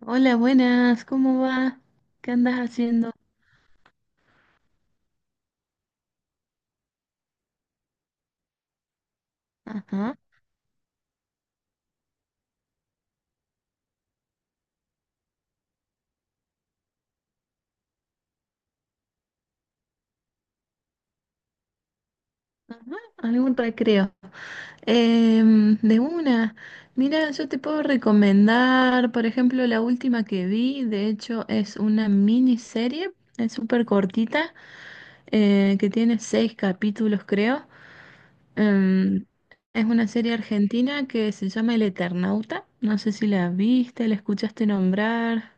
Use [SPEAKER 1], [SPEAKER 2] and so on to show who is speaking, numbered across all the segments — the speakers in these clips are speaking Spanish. [SPEAKER 1] Hola, buenas, ¿cómo va? ¿Qué andas haciendo? Ajá, algún recreo. De una, mira, yo te puedo recomendar, por ejemplo, la última que vi. De hecho, es una miniserie, es súper cortita, que tiene seis capítulos, creo. Em, es una serie argentina que se llama El Eternauta, no sé si la viste, la escuchaste nombrar.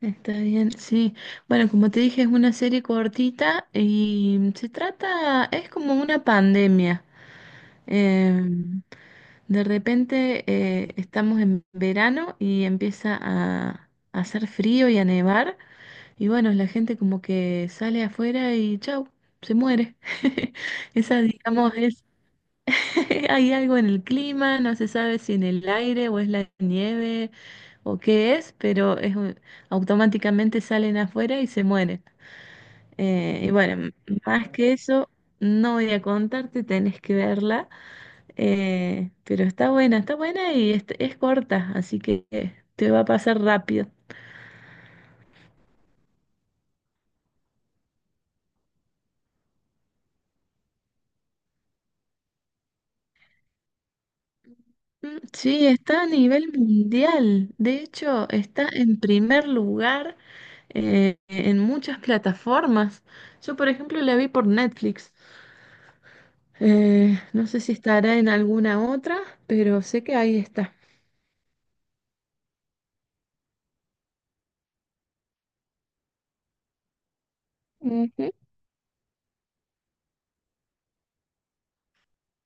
[SPEAKER 1] Está bien, sí. Bueno, como te dije, es una serie cortita y se trata, es como una pandemia. Em, de repente, estamos en verano y empieza a hacer frío y a nevar, y bueno, la gente como que sale afuera y chau, se muere. Esa, digamos, hay algo en el clima, no se sabe si en el aire o es la nieve o qué es, pero es, automáticamente salen afuera y se mueren. Y bueno, más que eso no voy a contarte, tenés que verla, pero está buena, está buena, y es corta, así que te va a pasar rápido. Mm, sí, está a nivel mundial. De hecho, está en primer lugar en muchas plataformas. Yo, por ejemplo, la vi por Netflix. No sé si estará en alguna otra, pero sé que ahí está. Ujú.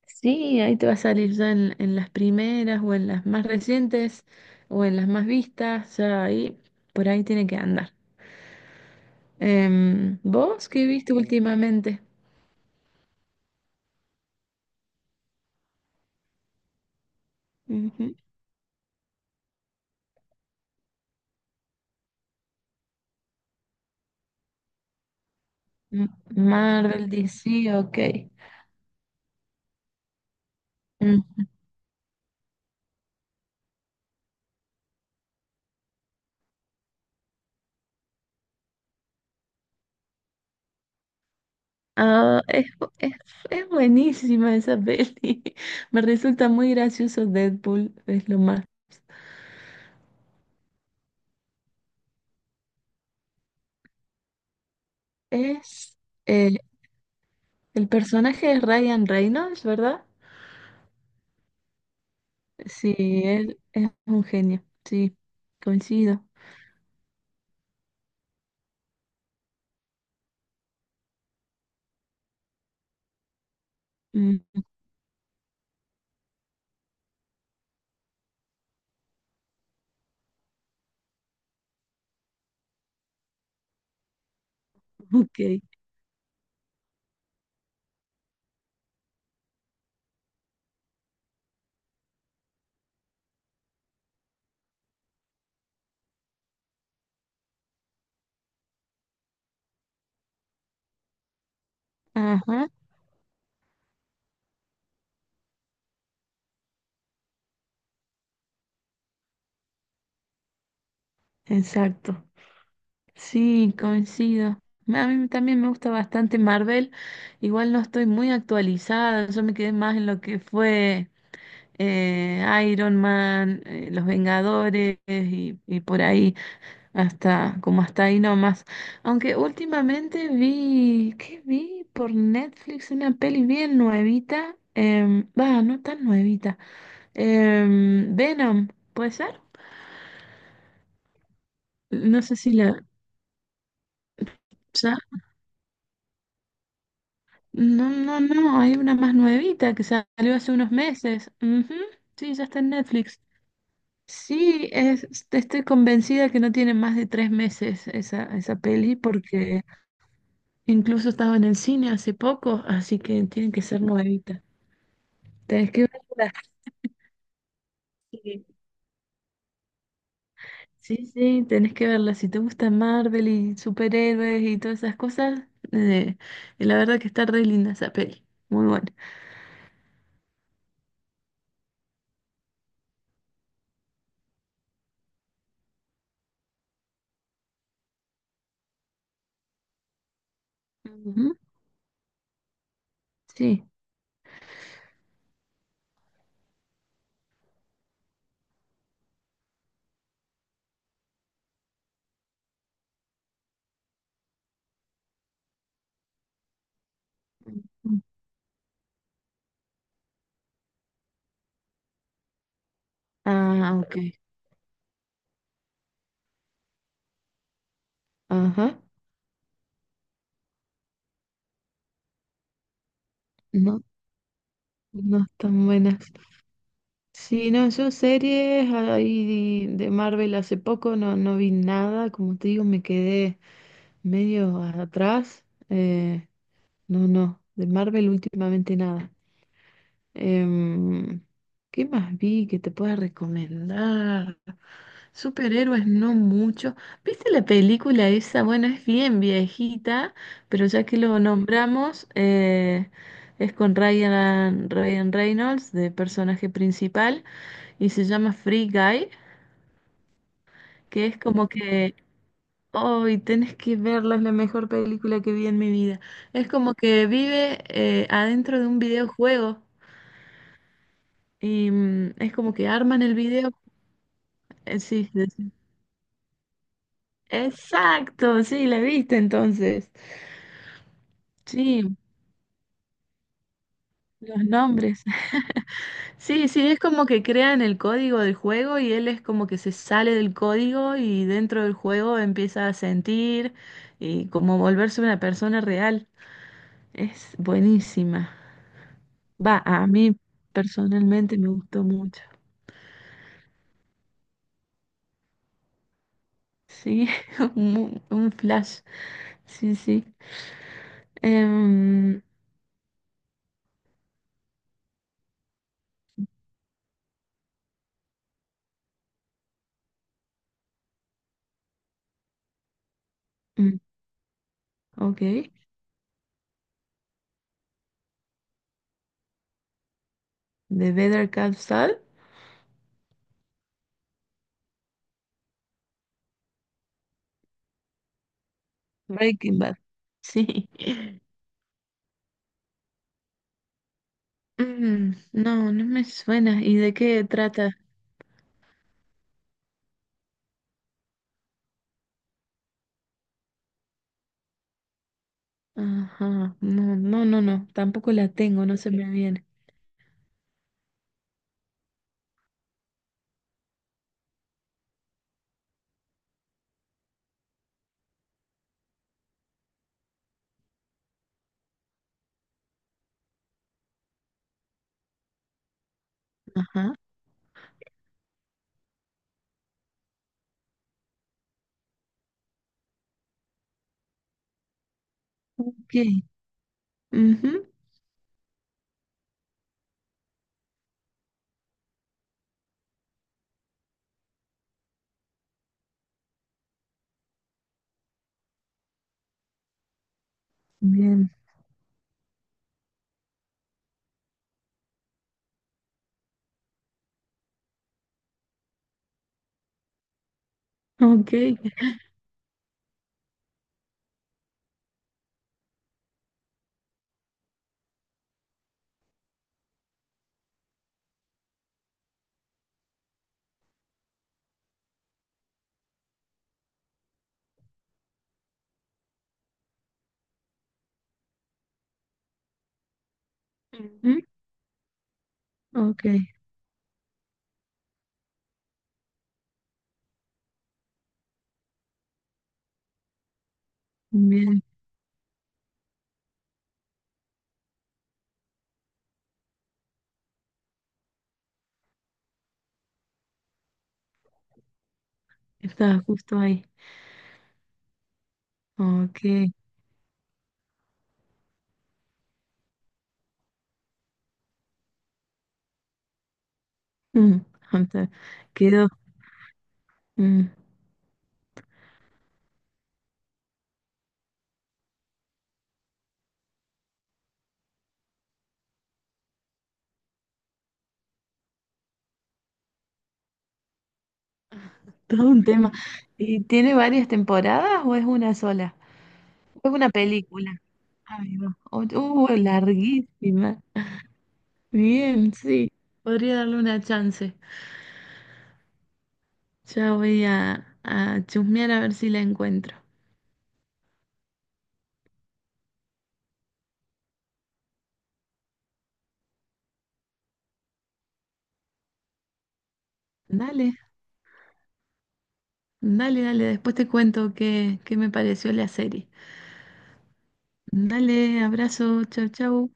[SPEAKER 1] Sí, ahí te va a salir ya en, las primeras o en las más recientes o en las más vistas. Ya ahí, por ahí tiene que andar. ¿Vos qué viste últimamente? Ujú. Marvel, DC, ok. Mm. Ah, es buenísima esa peli. Me resulta muy gracioso Deadpool, es lo más. Es eh, el personaje es Ryan Reynolds, ¿verdad? Sí, él es un genio. Sí, coincido. Mm. Ok. Ajá, exacto. Sí, coincido. A mí también me gusta bastante Marvel. Igual no estoy muy actualizada. Yo me quedé más en lo que fue, eh, Iron Man, Los Vengadores, y por ahí, hasta como hasta ahí nomás. Aunque últimamente vi, ¿qué vi? Por Netflix, una peli bien nuevita, va, no tan nuevita, Venom, ¿puede ser? No sé si la, ¿ya? No, no, no, hay una más nuevita que salió hace unos meses. Ujú, sí, ya está en Netflix. Sí, te estoy convencida que no tiene más de 3 meses esa, peli, porque incluso estaba en el cine hace poco, así que tiene que ser nuevita. Tenés que verla. Sí, sí, sí, tenés que verla. Si te gusta Marvel y superhéroes y todas esas cosas, eh, la verdad que está re linda esa peli. Muy buena. Ujú, sí. Ah, ok. Ajá. No, no están buenas. Sí, no, yo series ahí de Marvel hace poco no vi nada, como te digo, me quedé medio atrás. eh, no, no, de Marvel últimamente nada. Em, ¿qué más vi que te pueda recomendar? Superhéroes no mucho. ¿Viste la película esa? Bueno, es bien viejita, pero ya que lo nombramos, es con Ryan Reynolds de personaje principal, y se llama Free Guy, que es como que, hoy tenés que verla, es la mejor película que vi en mi vida. Es como que vive, adentro de un videojuego, y es como que arman el video. Sí, sí. Exacto, sí, la viste entonces. Sí, los nombres. Sí, sí, es como que crean el código del juego, y él es como que se sale del código y dentro del juego empieza a sentir y como volverse una persona real. Es buenísima. Va, a mí personalmente me gustó mucho. Sí, un, flash. Sí, sí. Em, mm, ok. The Better Call Saul, Breaking Bad. Sí. Mm, no, no me suena. ¿Y de qué trata? Ajá. No, no, no, no. Tampoco la tengo, no se me viene. Ajá. Ok. Ujú, bien. Ok. Ujú, ok. Bien. Estaba justo ahí. Ok. mm, anta- Quedó, mm, todo un tema. ¿Y tiene varias temporadas o es una sola? Es una película. Ay, va. Larguísima. Bien, sí. Podría darle una chance. Ya voy a chusmear a ver si la encuentro. Dale, dale, dale. Después te cuento qué, me pareció la serie. Dale, abrazo. Chau, chau.